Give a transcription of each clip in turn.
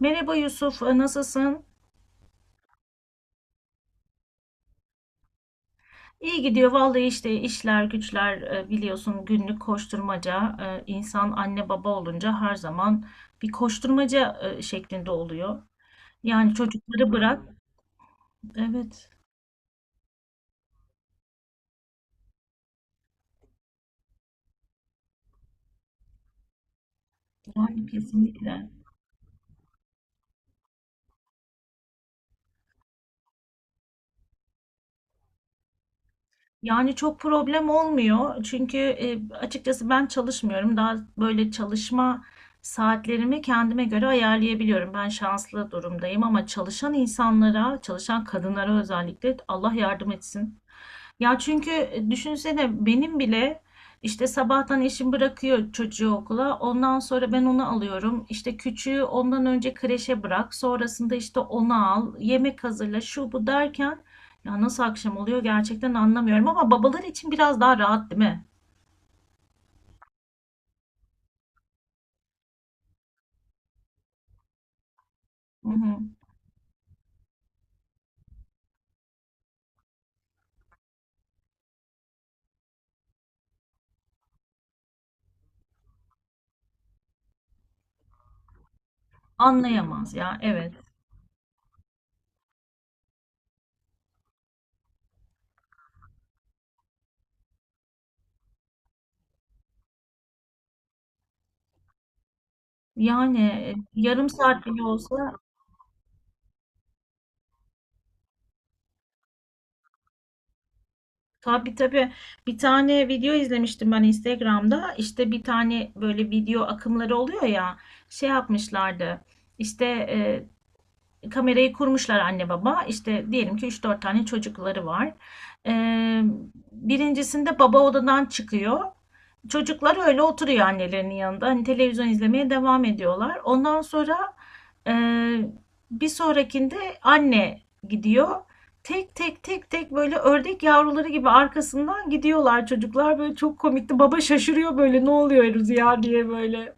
Merhaba Yusuf, nasılsın? İyi gidiyor vallahi işte işler güçler biliyorsun günlük koşturmaca insan anne baba olunca her zaman bir koşturmaca şeklinde oluyor. Yani çocukları bırak. Evet, yani kesinlikle. Yani çok problem olmuyor çünkü açıkçası ben çalışmıyorum. Daha böyle çalışma saatlerimi kendime göre ayarlayabiliyorum. Ben şanslı durumdayım ama çalışan insanlara, çalışan kadınlara özellikle Allah yardım etsin. Ya çünkü düşünsene benim bile işte sabahtan eşim bırakıyor çocuğu okula. Ondan sonra ben onu alıyorum. İşte küçüğü ondan önce kreşe bırak. Sonrasında işte onu al. Yemek hazırla şu bu derken ya nasıl akşam oluyor gerçekten anlamıyorum. Ama babalar için biraz daha rahat değil mi? Hı hı. Anlayamaz ya, evet. Yani yarım saat bile olsa. Tabii, tabii. Bir tane video izlemiştim ben Instagram'da. İşte bir tane böyle video akımları oluyor ya. Şey yapmışlardı. İşte kamerayı kurmuşlar anne baba. İşte diyelim ki üç dört tane çocukları var. Ee, birincisinde baba odadan çıkıyor. Çocuklar öyle oturuyor annelerinin yanında. Hani televizyon izlemeye devam ediyorlar. Ondan sonra e, bir sonrakinde anne gidiyor. Tek tek tek tek böyle ördek yavruları gibi arkasından gidiyorlar çocuklar. Böyle çok komikti. Baba şaşırıyor böyle, ne oluyoruz ya, diye böyle.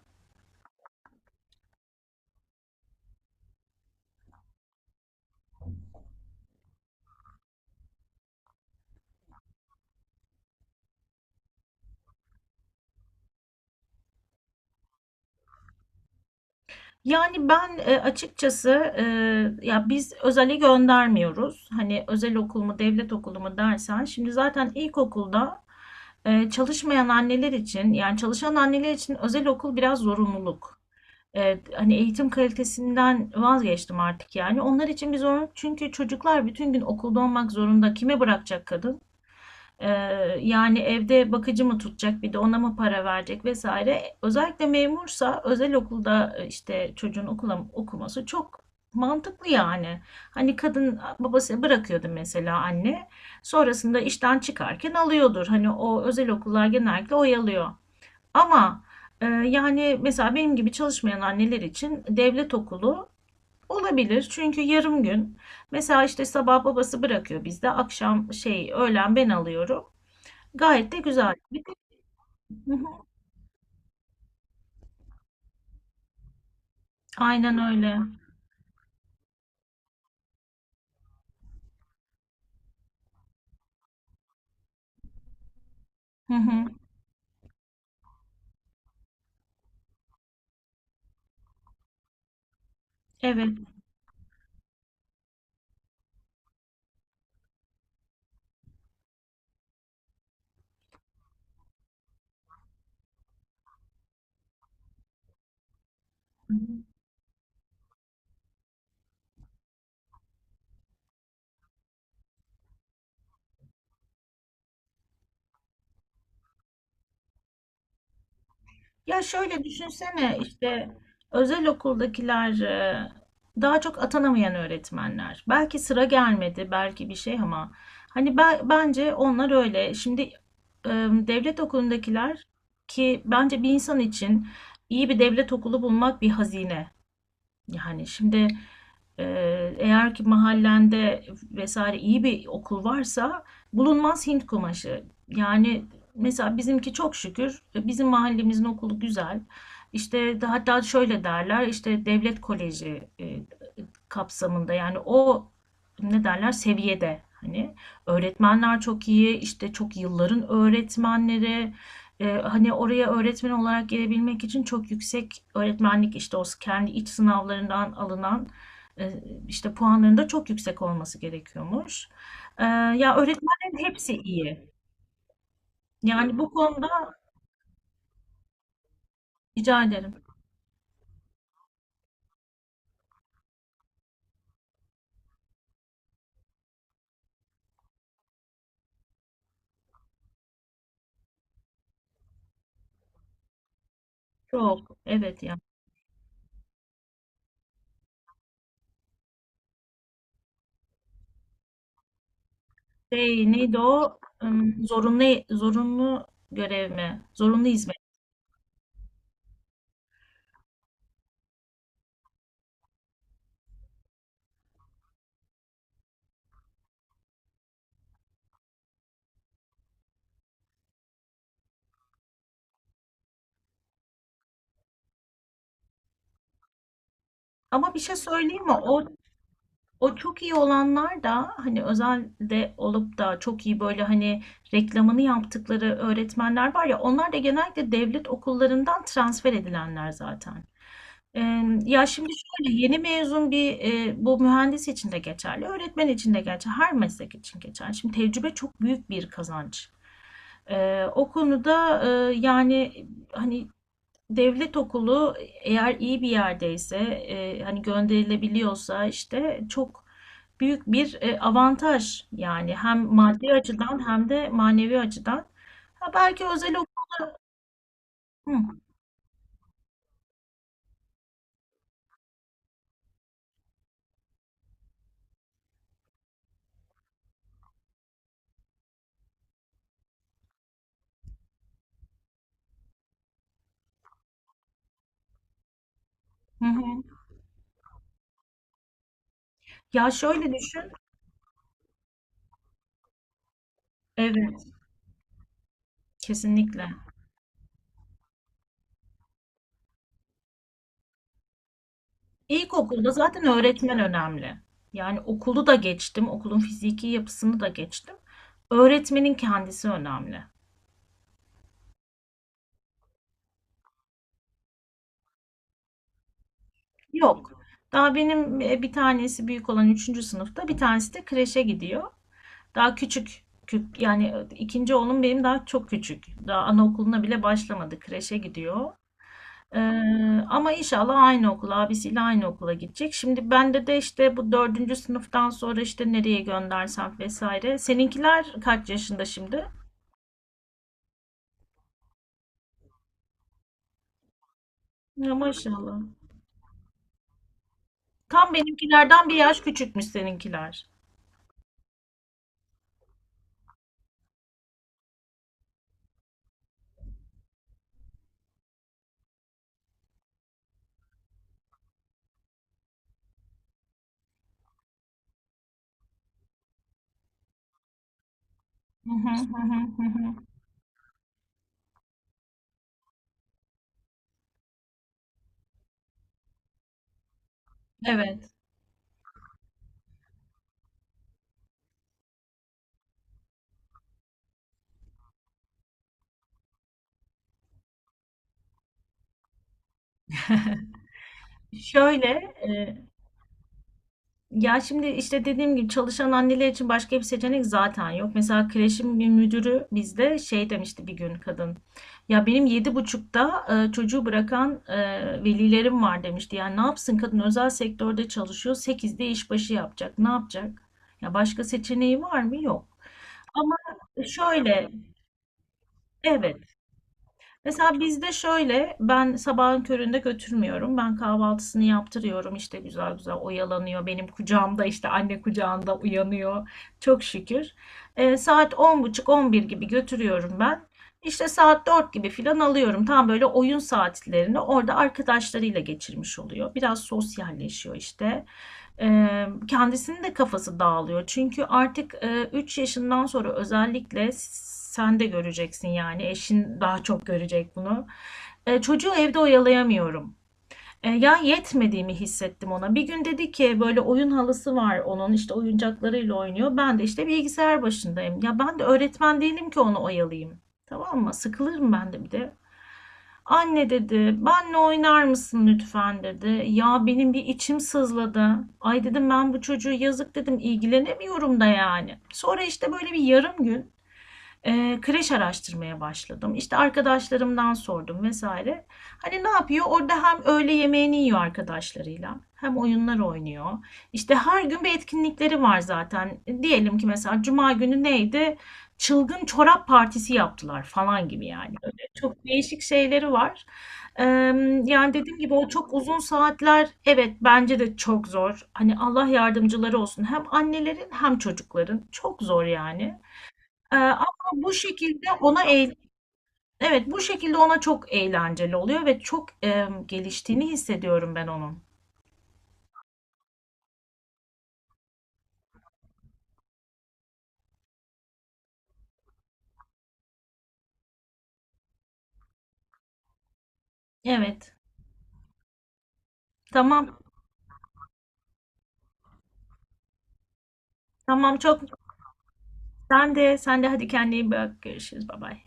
Yani ben açıkçası e, ya biz özele göndermiyoruz. Hani özel okul mu devlet okulu mu dersen şimdi zaten ilkokulda çalışmayan anneler için yani çalışan anneler için özel okul biraz zorunluluk. Hani eğitim kalitesinden vazgeçtim artık yani. Onlar için bir zorunluluk çünkü çocuklar bütün gün okulda olmak zorunda. Kime bırakacak kadın? Ee, yani evde bakıcı mı tutacak, bir de ona mı para verecek vesaire. Özellikle memursa özel okulda işte çocuğun okula okuması çok mantıklı yani. Hani kadın babası bırakıyordu mesela, anne sonrasında işten çıkarken alıyordur. Hani o özel okullar genellikle oyalıyor. Ama yani mesela benim gibi çalışmayan anneler için devlet okulu olabilir. Çünkü yarım gün mesela işte sabah babası bırakıyor bizde, akşam şey, öğlen ben alıyorum. Gayet de güzel. Hı hı. Aynen öyle. Hı hı. Evet. Hı hı. Ya şöyle düşünsene işte özel okuldakiler daha çok atanamayan öğretmenler. Belki sıra gelmedi, belki bir şey, ama hani ben, bence onlar öyle. Şimdi devlet okulundakiler, ki bence bir insan için iyi bir devlet okulu bulmak bir hazine. Yani şimdi eğer ki mahallende vesaire iyi bir okul varsa bulunmaz Hint kumaşı. Yani mesela bizimki, çok şükür, bizim mahallemizin okulu güzel. İşte hatta şöyle derler işte devlet koleji kapsamında, yani o ne derler seviyede hani öğretmenler çok iyi, işte çok yılların öğretmenleri, hani oraya öğretmen olarak gelebilmek için çok yüksek öğretmenlik işte o kendi iç sınavlarından alınan işte puanların da çok yüksek olması gerekiyormuş. Ya öğretmenlerin hepsi iyi. Yani bu konuda rica ederim. Çok, evet ya. Şey neydi o? Zorunlu görev mi? Zorunlu hizmet. Ama bir şey söyleyeyim mi? O çok iyi olanlar da, hani özelde olup da çok iyi böyle hani reklamını yaptıkları öğretmenler var ya, onlar da genellikle devlet okullarından transfer edilenler zaten. Ya şimdi şöyle, yeni mezun bir bu mühendis için de geçerli, öğretmen için de geçerli, her meslek için geçerli. Şimdi tecrübe çok büyük bir kazanç. O konuda yani hani devlet okulu eğer iyi bir yerdeyse, hani gönderilebiliyorsa işte çok büyük bir avantaj yani, hem maddi açıdan hem de manevi açıdan. Ha, belki özel okul. Hı, hı hı. Ya şöyle düşün. Evet, kesinlikle. İlkokulda zaten öğretmen önemli. Yani okulu da geçtim, okulun fiziki yapısını da geçtim. Öğretmenin kendisi önemli. Yok. Daha benim bir tanesi büyük olan üçüncü sınıfta, bir tanesi de kreşe gidiyor. Daha küçük. Yani ikinci oğlum benim daha çok küçük. Daha anaokuluna bile başlamadı. Kreşe gidiyor. Ee, ama inşallah aynı okula, abisiyle aynı okula gidecek. Şimdi bende de işte bu dördüncü sınıftan sonra işte nereye göndersem vesaire. Seninkiler kaç yaşında şimdi? Ya, maşallah. Tam benimkilerden bir yaş küçükmüş seninkiler. Hı hı hı hı hı. Hı. Evet. Şöyle, e, ya şimdi işte dediğim gibi çalışan anneler için başka bir seçenek zaten yok. Mesela kreşin bir müdürü bizde şey demişti bir gün kadın. Ya benim 7.30'da çocuğu bırakan velilerim var, demişti. Yani ne yapsın kadın, özel sektörde çalışıyor. 8'de işbaşı yapacak. Ne yapacak? Ya başka seçeneği var mı? Yok. Ama şöyle, evet. Mesela bizde şöyle, ben sabahın köründe götürmüyorum. Ben kahvaltısını yaptırıyorum. İşte güzel güzel oyalanıyor. Benim kucağımda, işte anne kucağında uyanıyor. Çok şükür. Saat on buçuk on bir gibi götürüyorum ben. İşte saat 4 gibi filan alıyorum. Tam böyle oyun saatlerini orada arkadaşlarıyla geçirmiş oluyor. Biraz sosyalleşiyor işte. Kendisinin de kafası dağılıyor. Çünkü artık 3 yaşından sonra özellikle sen de göreceksin, yani eşin daha çok görecek bunu. Çocuğu evde oyalayamıyorum. Ya, yetmediğimi hissettim ona. Bir gün dedi ki, böyle oyun halısı var onun, işte oyuncaklarıyla oynuyor. Ben de işte bilgisayar başındayım. Ya ben de öğretmen değilim ki onu oyalayayım. Tamam mı? Sıkılırım ben de bir de. Anne dedi, benle oynar mısın lütfen, dedi. Ya benim bir içim sızladı. Ay dedim, ben bu çocuğu, yazık, dedim, ilgilenemiyorum da yani. Sonra işte böyle bir yarım gün kreş araştırmaya başladım. İşte arkadaşlarımdan sordum vesaire. Hani ne yapıyor? Orada hem öğle yemeğini yiyor arkadaşlarıyla, hem oyunlar oynuyor. İşte her gün bir etkinlikleri var zaten. Diyelim ki mesela Cuma günü neydi? Çılgın çorap partisi yaptılar falan gibi yani. Öyle çok değişik şeyleri var. Yani dediğim gibi o çok uzun saatler, evet bence de çok zor. Hani Allah yardımcıları olsun, hem annelerin hem çocukların çok zor yani. Ama bu şekilde ona evet bu şekilde ona çok eğlenceli oluyor ve çok geliştiğini hissediyorum ben onun. Evet. Tamam. Tamam, çok. Sen de, sen de, hadi kendine iyi bak. Görüşürüz. Bay bay.